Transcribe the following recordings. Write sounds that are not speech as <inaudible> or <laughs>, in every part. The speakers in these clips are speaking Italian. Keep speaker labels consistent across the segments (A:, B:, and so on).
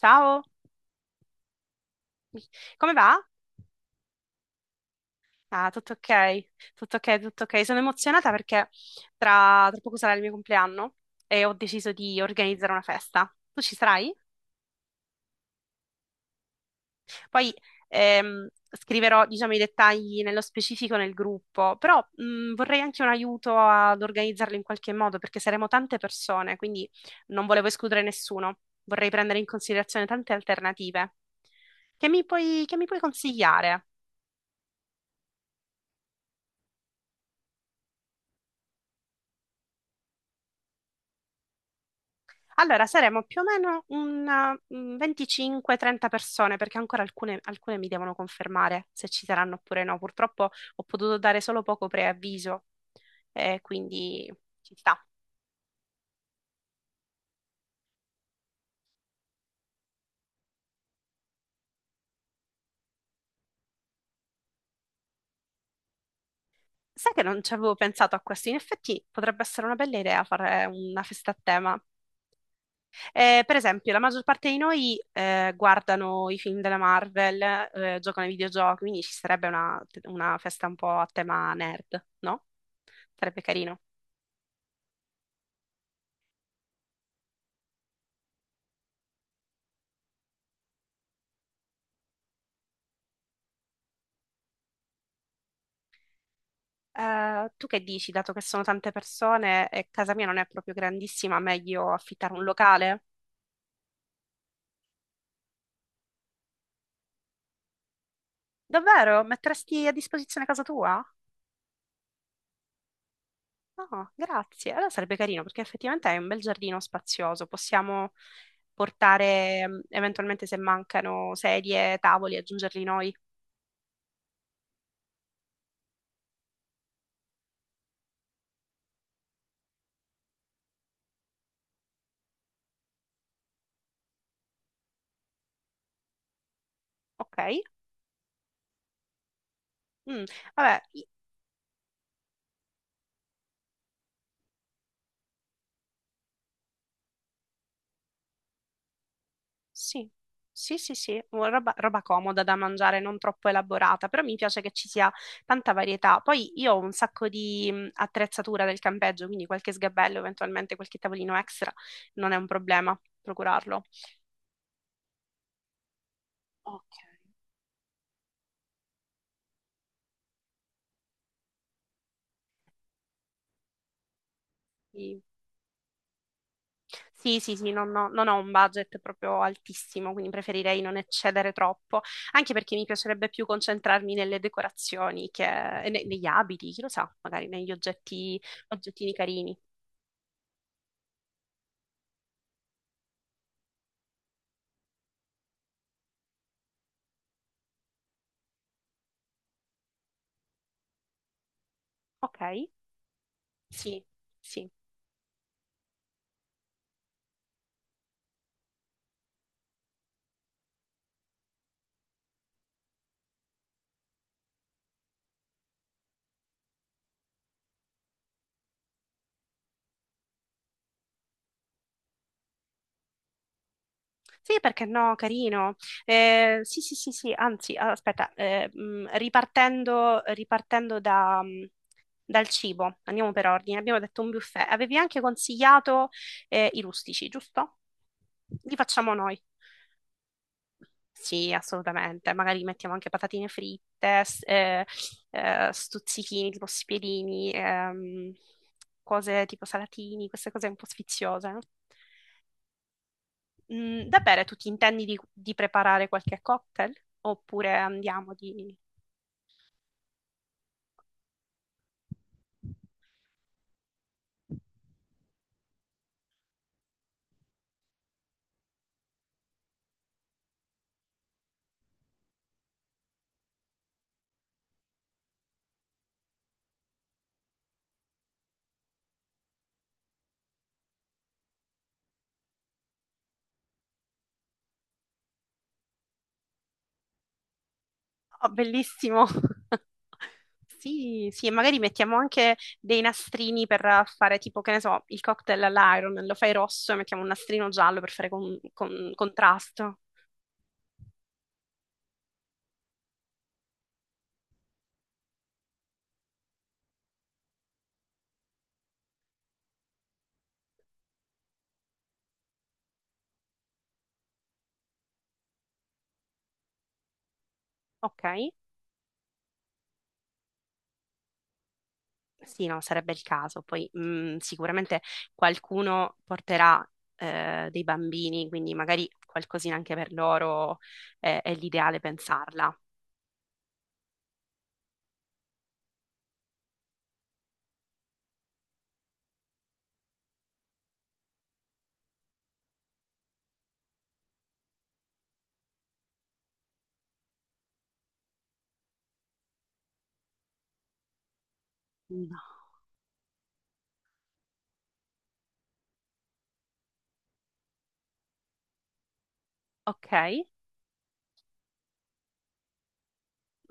A: Ciao, come va? Ah, tutto ok, tutto ok, tutto ok. Sono emozionata perché tra poco sarà il mio compleanno e ho deciso di organizzare una festa. Tu ci sarai? Poi scriverò, diciamo, i dettagli nello specifico nel gruppo, però vorrei anche un aiuto ad organizzarlo in qualche modo perché saremo tante persone, quindi non volevo escludere nessuno. Vorrei prendere in considerazione tante alternative. Che mi puoi consigliare? Allora, saremo più o meno un 25-30 persone, perché ancora alcune mi devono confermare se ci saranno oppure no. Purtroppo ho potuto dare solo poco preavviso, quindi ci sta. Sai che non ci avevo pensato a questo? In effetti potrebbe essere una bella idea fare una festa a tema. Per esempio, la maggior parte di noi guardano i film della Marvel, giocano ai videogiochi, quindi ci sarebbe una festa un po' a tema nerd, no? Sarebbe carino. Tu che dici, dato che sono tante persone e casa mia non è proprio grandissima, meglio affittare un locale? Davvero? Metteresti a disposizione casa tua? No, grazie. Allora sarebbe carino perché effettivamente è un bel giardino spazioso. Possiamo portare eventualmente se mancano sedie, tavoli, aggiungerli noi. Ok? Mm, Vabbè, Sì, sì, sì, sì, una roba comoda da mangiare, non troppo elaborata, però mi piace che ci sia tanta varietà. Poi io ho un sacco di attrezzatura del campeggio, quindi qualche sgabello, eventualmente qualche tavolino extra, non è un problema procurarlo. Ok. Sì, sì, sì, sì, non ho un budget proprio altissimo, quindi preferirei non eccedere troppo, anche perché mi piacerebbe più concentrarmi nelle decorazioni che, e negli abiti, chi lo sa, magari negli oggetti, oggettini carini. Ok. Sì, sì. Sì, perché no, carino. Sì, sì, sì, sì, anzi, aspetta, ripartendo da, dal cibo, andiamo per ordine, abbiamo detto un buffet. Avevi anche consigliato i rustici, giusto? Li facciamo noi. Sì, assolutamente. Magari mettiamo anche patatine fritte, stuzzichini, tipo spiedini, cose tipo salatini, queste cose un po' sfiziose, no? Da bere, tu ti intendi di preparare qualche cocktail? Oppure andiamo di. Oh, bellissimo! <laughs> Sì, sì, e magari mettiamo anche dei nastrini per fare tipo, che ne so, il cocktail all'iron, lo fai rosso e mettiamo un nastrino giallo per fare contrasto. Ok? Sì, no, sarebbe il caso. Poi sicuramente qualcuno porterà dei bambini, quindi magari qualcosina anche per loro è l'ideale pensarla. No. Ok.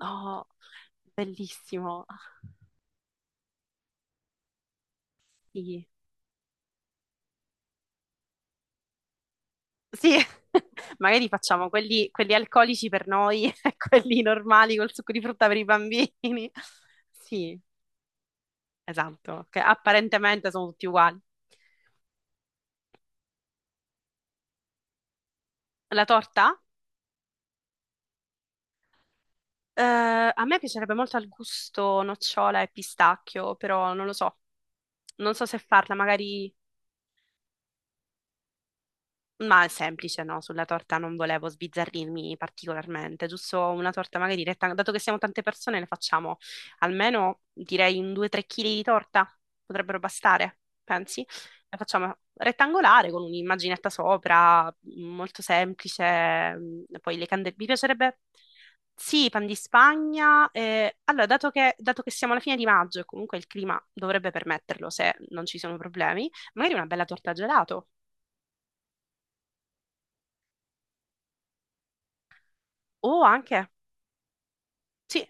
A: Oh, bellissimo. Ah, sì. Sì. <laughs> Magari facciamo quelli alcolici per noi <laughs> e quelli normali col succo di frutta per i bambini. Sì, esatto. Che apparentemente sono tutti uguali. La torta? Eh, a me piacerebbe molto al gusto nocciola e pistacchio, però non lo so. Non so se farla, magari. Ma è semplice, no? Sulla torta non volevo sbizzarrirmi particolarmente, giusto una torta magari retta, dato che siamo tante persone, ne facciamo almeno direi un 2-3 kg di torta, potrebbero bastare, pensi? La facciamo rettangolare con un'immaginetta sopra, molto semplice, poi le candele. Mi piacerebbe, sì, pan di Spagna. Allora, dato che siamo alla fine di maggio e comunque il clima dovrebbe permetterlo se non ci sono problemi, magari una bella torta a gelato o anche, sì,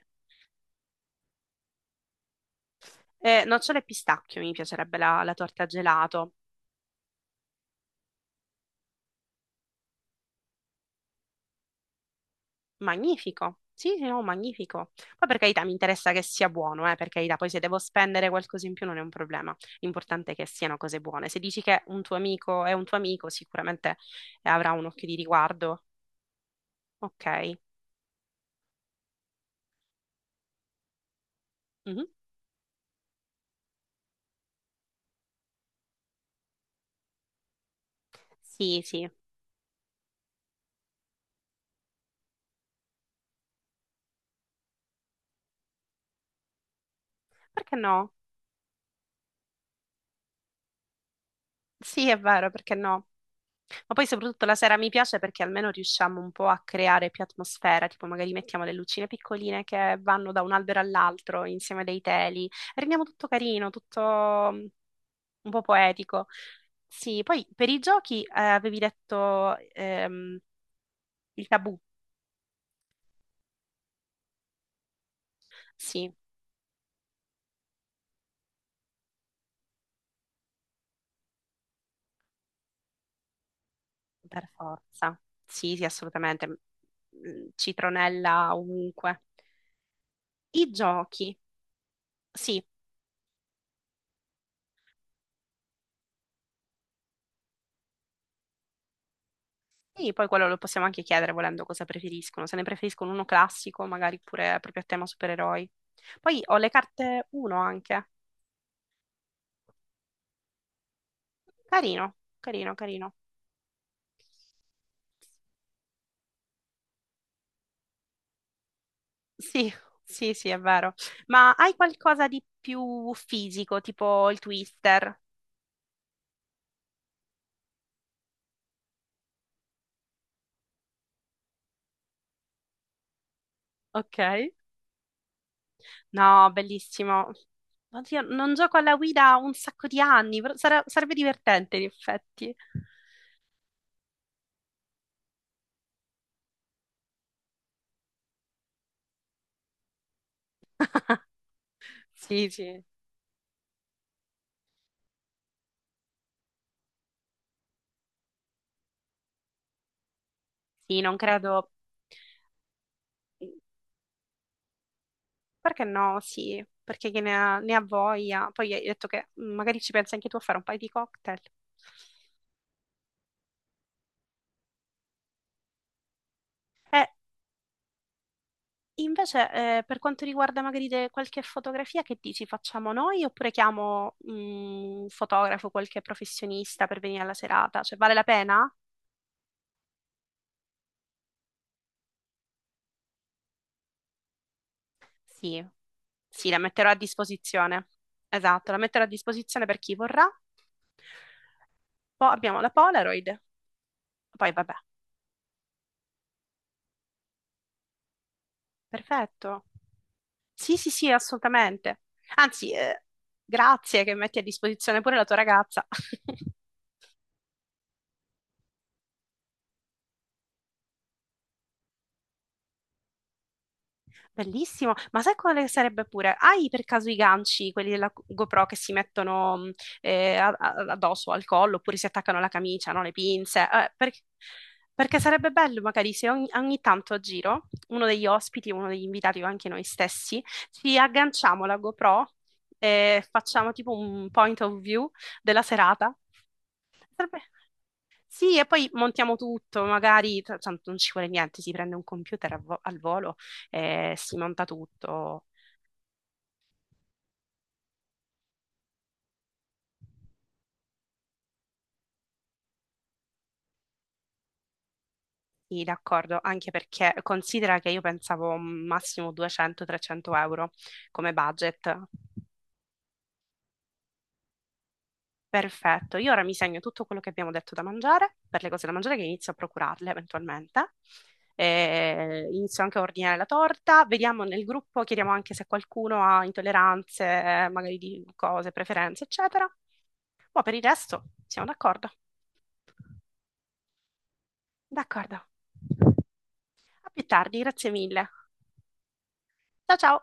A: nocciole e pistacchio, mi piacerebbe la torta gelato. Magnifico. Sì, sì, no, magnifico. Poi per carità mi interessa che sia buono, per carità, poi se devo spendere qualcosa in più non è un problema. L'importante è che siano cose buone. Se dici che un tuo amico è un tuo amico, sicuramente avrà un occhio di riguardo. Ok. Mhm. Sì, sì. Perché no? Sì, è vero, perché no? Ma poi soprattutto la sera mi piace perché almeno riusciamo un po' a creare più atmosfera, tipo magari mettiamo le lucine piccoline che vanno da un albero all'altro insieme a dei teli, rendiamo tutto carino, tutto mm, un po' poetico. Sì, poi per i giochi avevi detto il tabù, sì, per forza, sì, sì, assolutamente. Mm, mm, citronella ovunque. I giochi, sì, sì, poi quello lo possiamo anche chiedere volendo cosa preferiscono, se ne preferiscono uno classico, magari pure proprio a tema supereroi. Poi ho le carte UNO anche. Carino, carino, carino. Sì, sì, sì, è vero. Ma hai qualcosa di più fisico, tipo il Twister? Ok. No, bellissimo. Oddio, non gioco alla Wii da un sacco di anni, però sarebbe divertente in effetti. Sì, sì. Sì, non credo. Perché no? Sì, perché chi ne ha, ne ha voglia. Poi hai detto che magari ci pensi anche tu a fare un paio di cocktail. E invece, per quanto riguarda magari qualche fotografia, che dici? Facciamo noi oppure chiamo un fotografo, qualche professionista per venire alla serata? Cioè, vale la pena? Sì, sì, la metterò a disposizione. Esatto, la metterò a disposizione per chi vorrà. Poi abbiamo la Polaroid. Poi vabbè, perfetto. Sì, sì, sì, assolutamente. Anzi, grazie che metti a disposizione pure la tua ragazza. <laughs> Bellissimo. Ma sai quale sarebbe pure? Hai per caso i ganci, quelli della GoPro che si mettono addosso al collo oppure si attaccano alla camicia, no? Le pinze? Perché sarebbe bello magari se ogni tanto a giro uno degli ospiti, uno degli invitati o anche noi stessi, ci agganciamo la GoPro e facciamo tipo un point of view della serata. Sarebbe- Sì, e poi montiamo tutto, magari tanto non ci vuole niente, si prende un computer al volo e si monta tutto. Sì, d'accordo, anche perché considera che io pensavo massimo 200-300 euro come budget. Perfetto, io ora mi segno tutto quello che abbiamo detto da mangiare, per le cose da mangiare che inizio a procurarle eventualmente. E inizio anche a ordinare la torta, vediamo nel gruppo, chiediamo anche se qualcuno ha intolleranze, magari di cose, preferenze, eccetera. Ma per il resto siamo d'accordo. D'accordo. A più tardi, grazie mille. Ciao ciao.